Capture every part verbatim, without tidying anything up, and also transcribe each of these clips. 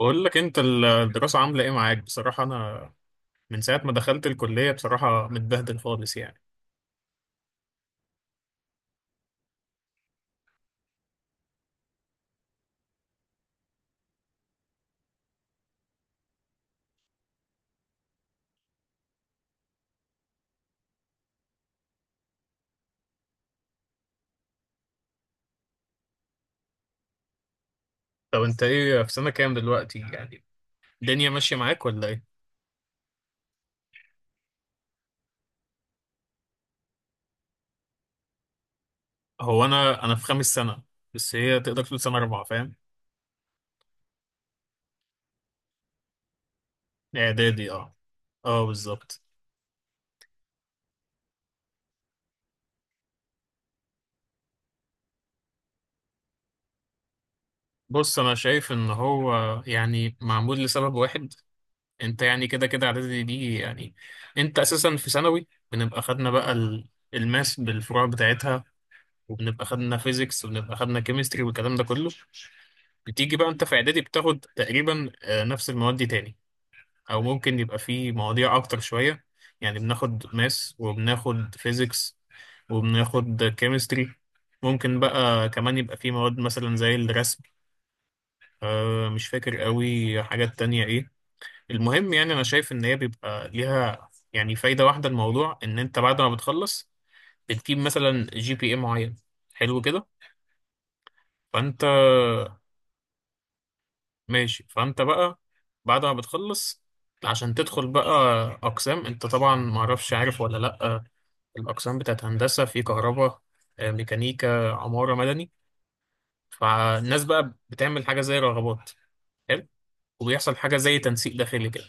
بقول لك انت، ال- الدراسة عاملة ايه معاك؟ بصراحة انا من ساعة ما دخلت الكلية بصراحة متبهدل خالص يعني. طب انت ايه، في سنة كام دلوقتي يعني؟ الدنيا ماشية معاك ولا ايه؟ هو انا انا في خامس سنة، بس هي تقدر تقول سنة رابعة، فاهم. اعدادي، اه. اه، بالظبط. بص، انا شايف ان هو يعني معمول لسبب واحد. انت يعني كده كده اعدادي دي يعني، انت اساسا في ثانوي بنبقى خدنا بقى ال- الماس بالفروع بتاعتها، وبنبقى خدنا فيزيكس وبنبقى خدنا كيمستري والكلام ده كله. بتيجي بقى انت في اعدادي بتاخد تقريبا آه، نفس المواد دي تاني، او ممكن يبقى في مواضيع اكتر شوية. يعني بناخد ماس وبناخد فيزيكس وبناخد كيمستري. ممكن بقى كمان يبقى في مواد مثلا زي الرسم. آه، مش فاكر قوي حاجات تانية ايه. المهم يعني انا شايف ان هي بيبقى ليها يعني فايده واحده، الموضوع ان انت بعد ما بتخلص بتجيب مثلا جي بي اي معين، حلو كده. فانت، ماشي، فانت بقى بعد ما بتخلص عشان تدخل بقى اقسام. انت طبعا ما اعرفش، عارف ولا لا، الاقسام بتاعت هندسه في كهرباء، آه، ميكانيكا، عماره، مدني. فالناس بقى بتعمل حاجه زي رغبات، حلو، وبيحصل حاجه زي تنسيق داخلي كده،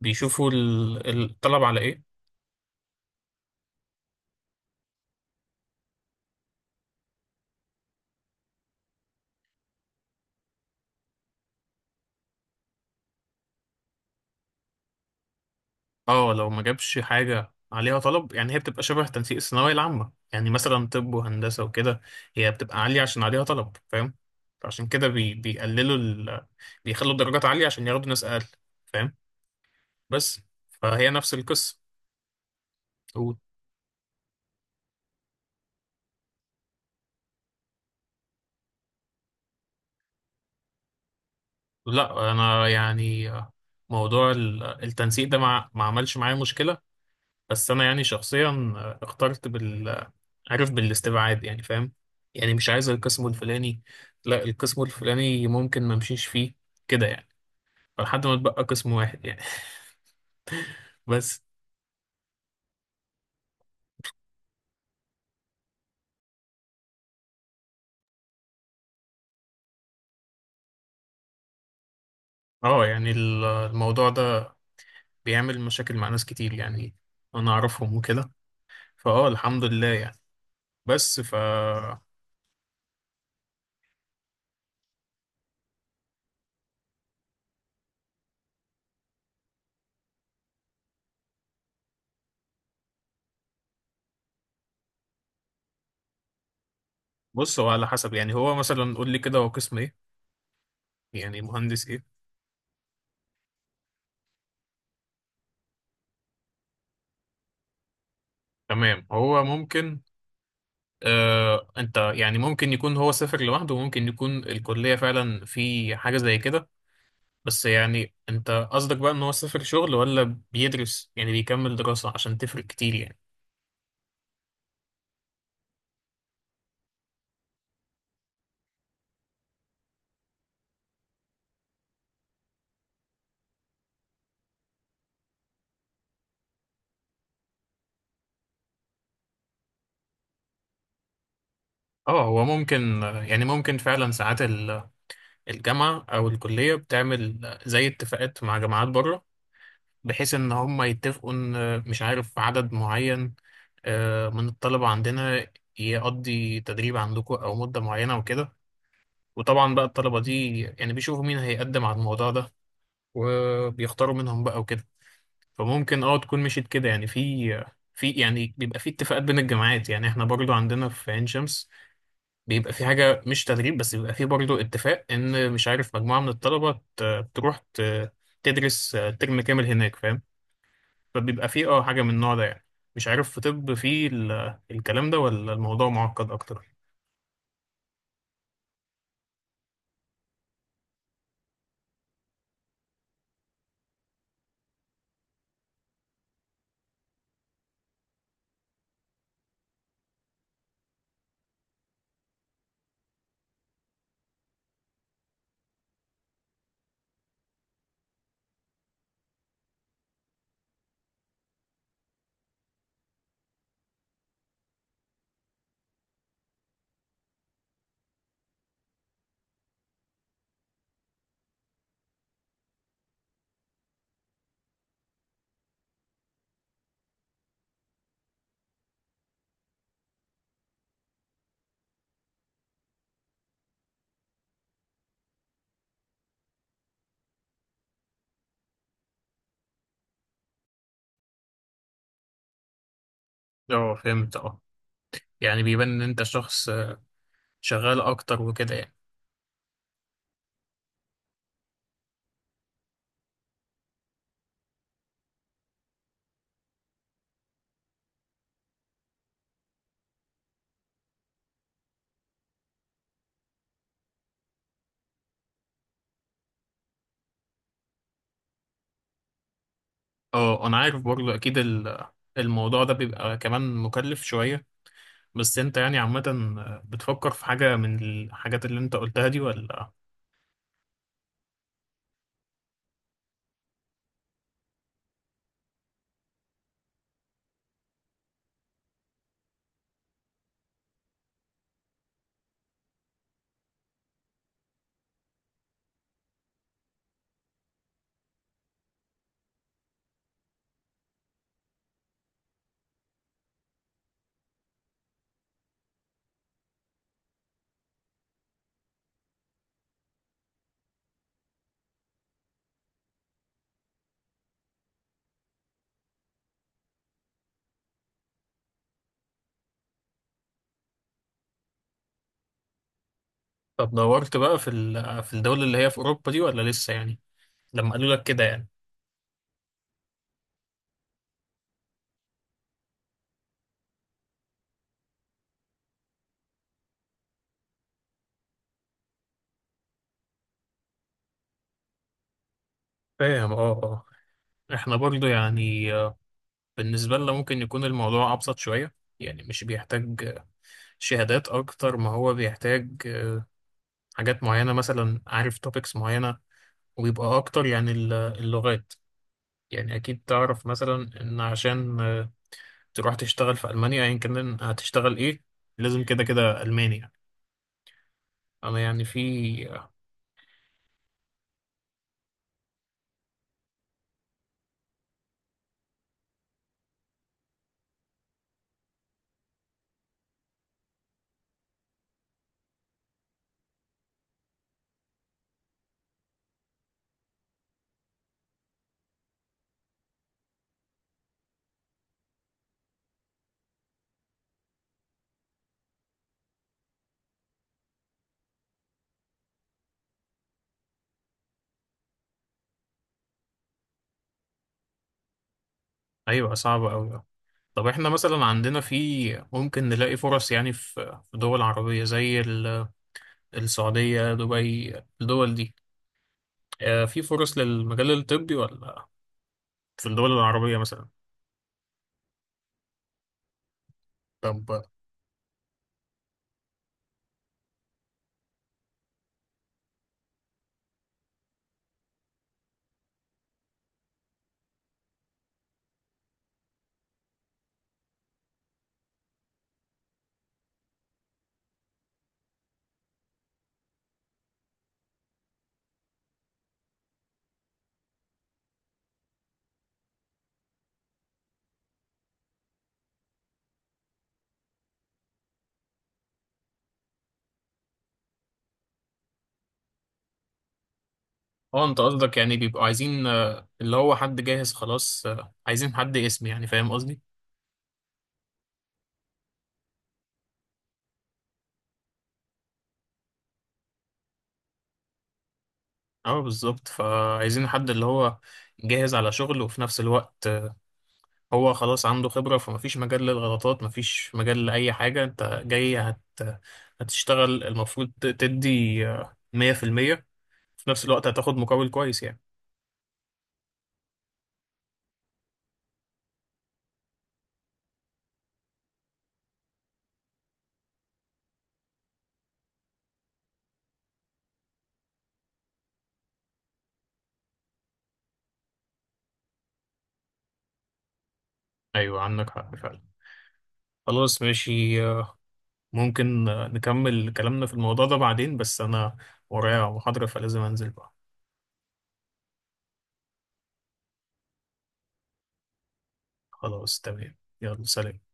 بيشوفوا ال- الطلب على ايه. اه، لو ما جابش حاجة عليها طلب يعني هي بتبقى شبه تنسيق الثانوية العامة، يعني مثلا طب وهندسة وكده هي بتبقى عالية عشان عليها طلب، فاهم. فعشان كده بي بيقللوا ال... بيخلوا الدرجات عالية عشان ياخدوا ناس أقل، فاهم. بس فهي نفس القصة و- لا، أنا يعني آه، موضوع ال- التنسيق ده ما ما عملش معايا مشكلة. بس أنا يعني شخصيا آه، اخترت بال عارف، بالاستبعاد يعني، فاهم. يعني مش عايز القسم الفلاني، لا القسم الفلاني ممكن ما امشيش فيه، كده يعني، فلحد ما اتبقى قسم واحد يعني بس اه، يعني ال- الموضوع ده بيعمل مشاكل مع ناس كتير يعني، انا اعرفهم وكده. فاه، الحمد لله يعني، بس ف بص، هو على حسب يعني، هو مثلا قول لي كده هو قسم ايه، يعني مهندس ايه. تمام، هو ممكن، آه انت يعني ممكن يكون هو سافر لوحده، وممكن يكون الكلية فعلا في حاجة زي كده. بس يعني انت قصدك بقى ان هو سافر شغل ولا بيدرس يعني بيكمل دراسة؟ عشان تفرق كتير يعني. اه، هو ممكن، يعني ممكن فعلا ساعات ال- الجامعة او الكلية بتعمل زي اتفاقات مع جامعات بره، بحيث ان هم يتفقوا ان مش عارف عدد معين آه، من الطلبة عندنا يقضي تدريب عندكم او مدة معينة وكده. وطبعا بقى الطلبة دي يعني بيشوفوا مين هيقدم على الموضوع ده وبيختاروا منهم بقى وكده. فممكن اه تكون مشيت كده يعني في في يعني بيبقى في اتفاقات بين الجامعات. يعني احنا برضو عندنا في عين شمس بيبقى في حاجة مش تدريب بس، بيبقى في برضو اتفاق ان مش عارف مجموعة من الطلبة ت- تروح ت- تدرس ترم كامل هناك، فاهم. فبيبقى في اه حاجة من النوع ده يعني. مش عارف في طب في ال- الكلام ده ولا الموضوع معقد اكتر؟ اه، فهمت. اه، يعني بيبان ان انت شخص آه، شغال اكتر وكده يعني. اه، انا عارف برضو اكيد ال- الموضوع ده بيبقى كمان مكلف شوية. بس انت يعني عامة، بتفكر في حاجة من الحاجات اللي انت قلتها دي ولا؟ طب دورت بقى في ال- في الدول اللي هي في أوروبا دي ولا لسه يعني، لما قالوا لك كده يعني؟ فاهم، اه. اه، احنا برضو يعني آه، بالنسبة لنا ممكن يكون الموضوع أبسط شوية. يعني مش بيحتاج آه، شهادات أكتر، ما هو بيحتاج آه، حاجات معينة مثلا، عارف، توبكس معينة. ويبقى أكتر يعني ال- اللغات. يعني أكيد تعرف مثلا إن عشان تروح تشتغل في ألمانيا، أيا كان هتشتغل إيه، لازم كده كده ألماني يعني. أنا يعني في أيوة، صعبة أوي. طب إحنا مثلا عندنا في، ممكن نلاقي فرص يعني في في دول عربية زي ال- السعودية، دبي، الدول دي، آه، في فرص للمجال الطبي ولا، في الدول العربية مثلا؟ طب. اه، انت قصدك يعني بيبقوا عايزين آه، اللي هو حد جاهز خلاص، آه، عايزين حد اسم يعني، فاهم قصدي؟ اه بالظبط، فعايزين حد اللي هو جاهز على شغل، وفي نفس الوقت هو خلاص عنده خبرة، فمفيش مجال للغلطات، مفيش مجال لأي حاجة، انت جاي هت... هتشتغل، المفروض تدي مية في المية، في نفس الوقت هتاخد مقابل كويس يعني. أيوة، عندك حق فعلا. خلاص، ماشي، آه، ممكن آه، نكمل كلامنا في الموضوع ده بعدين، بس أنا ورايا محاضرة فلازم أنزل بقى. خلاص، تمام، يلا سلام.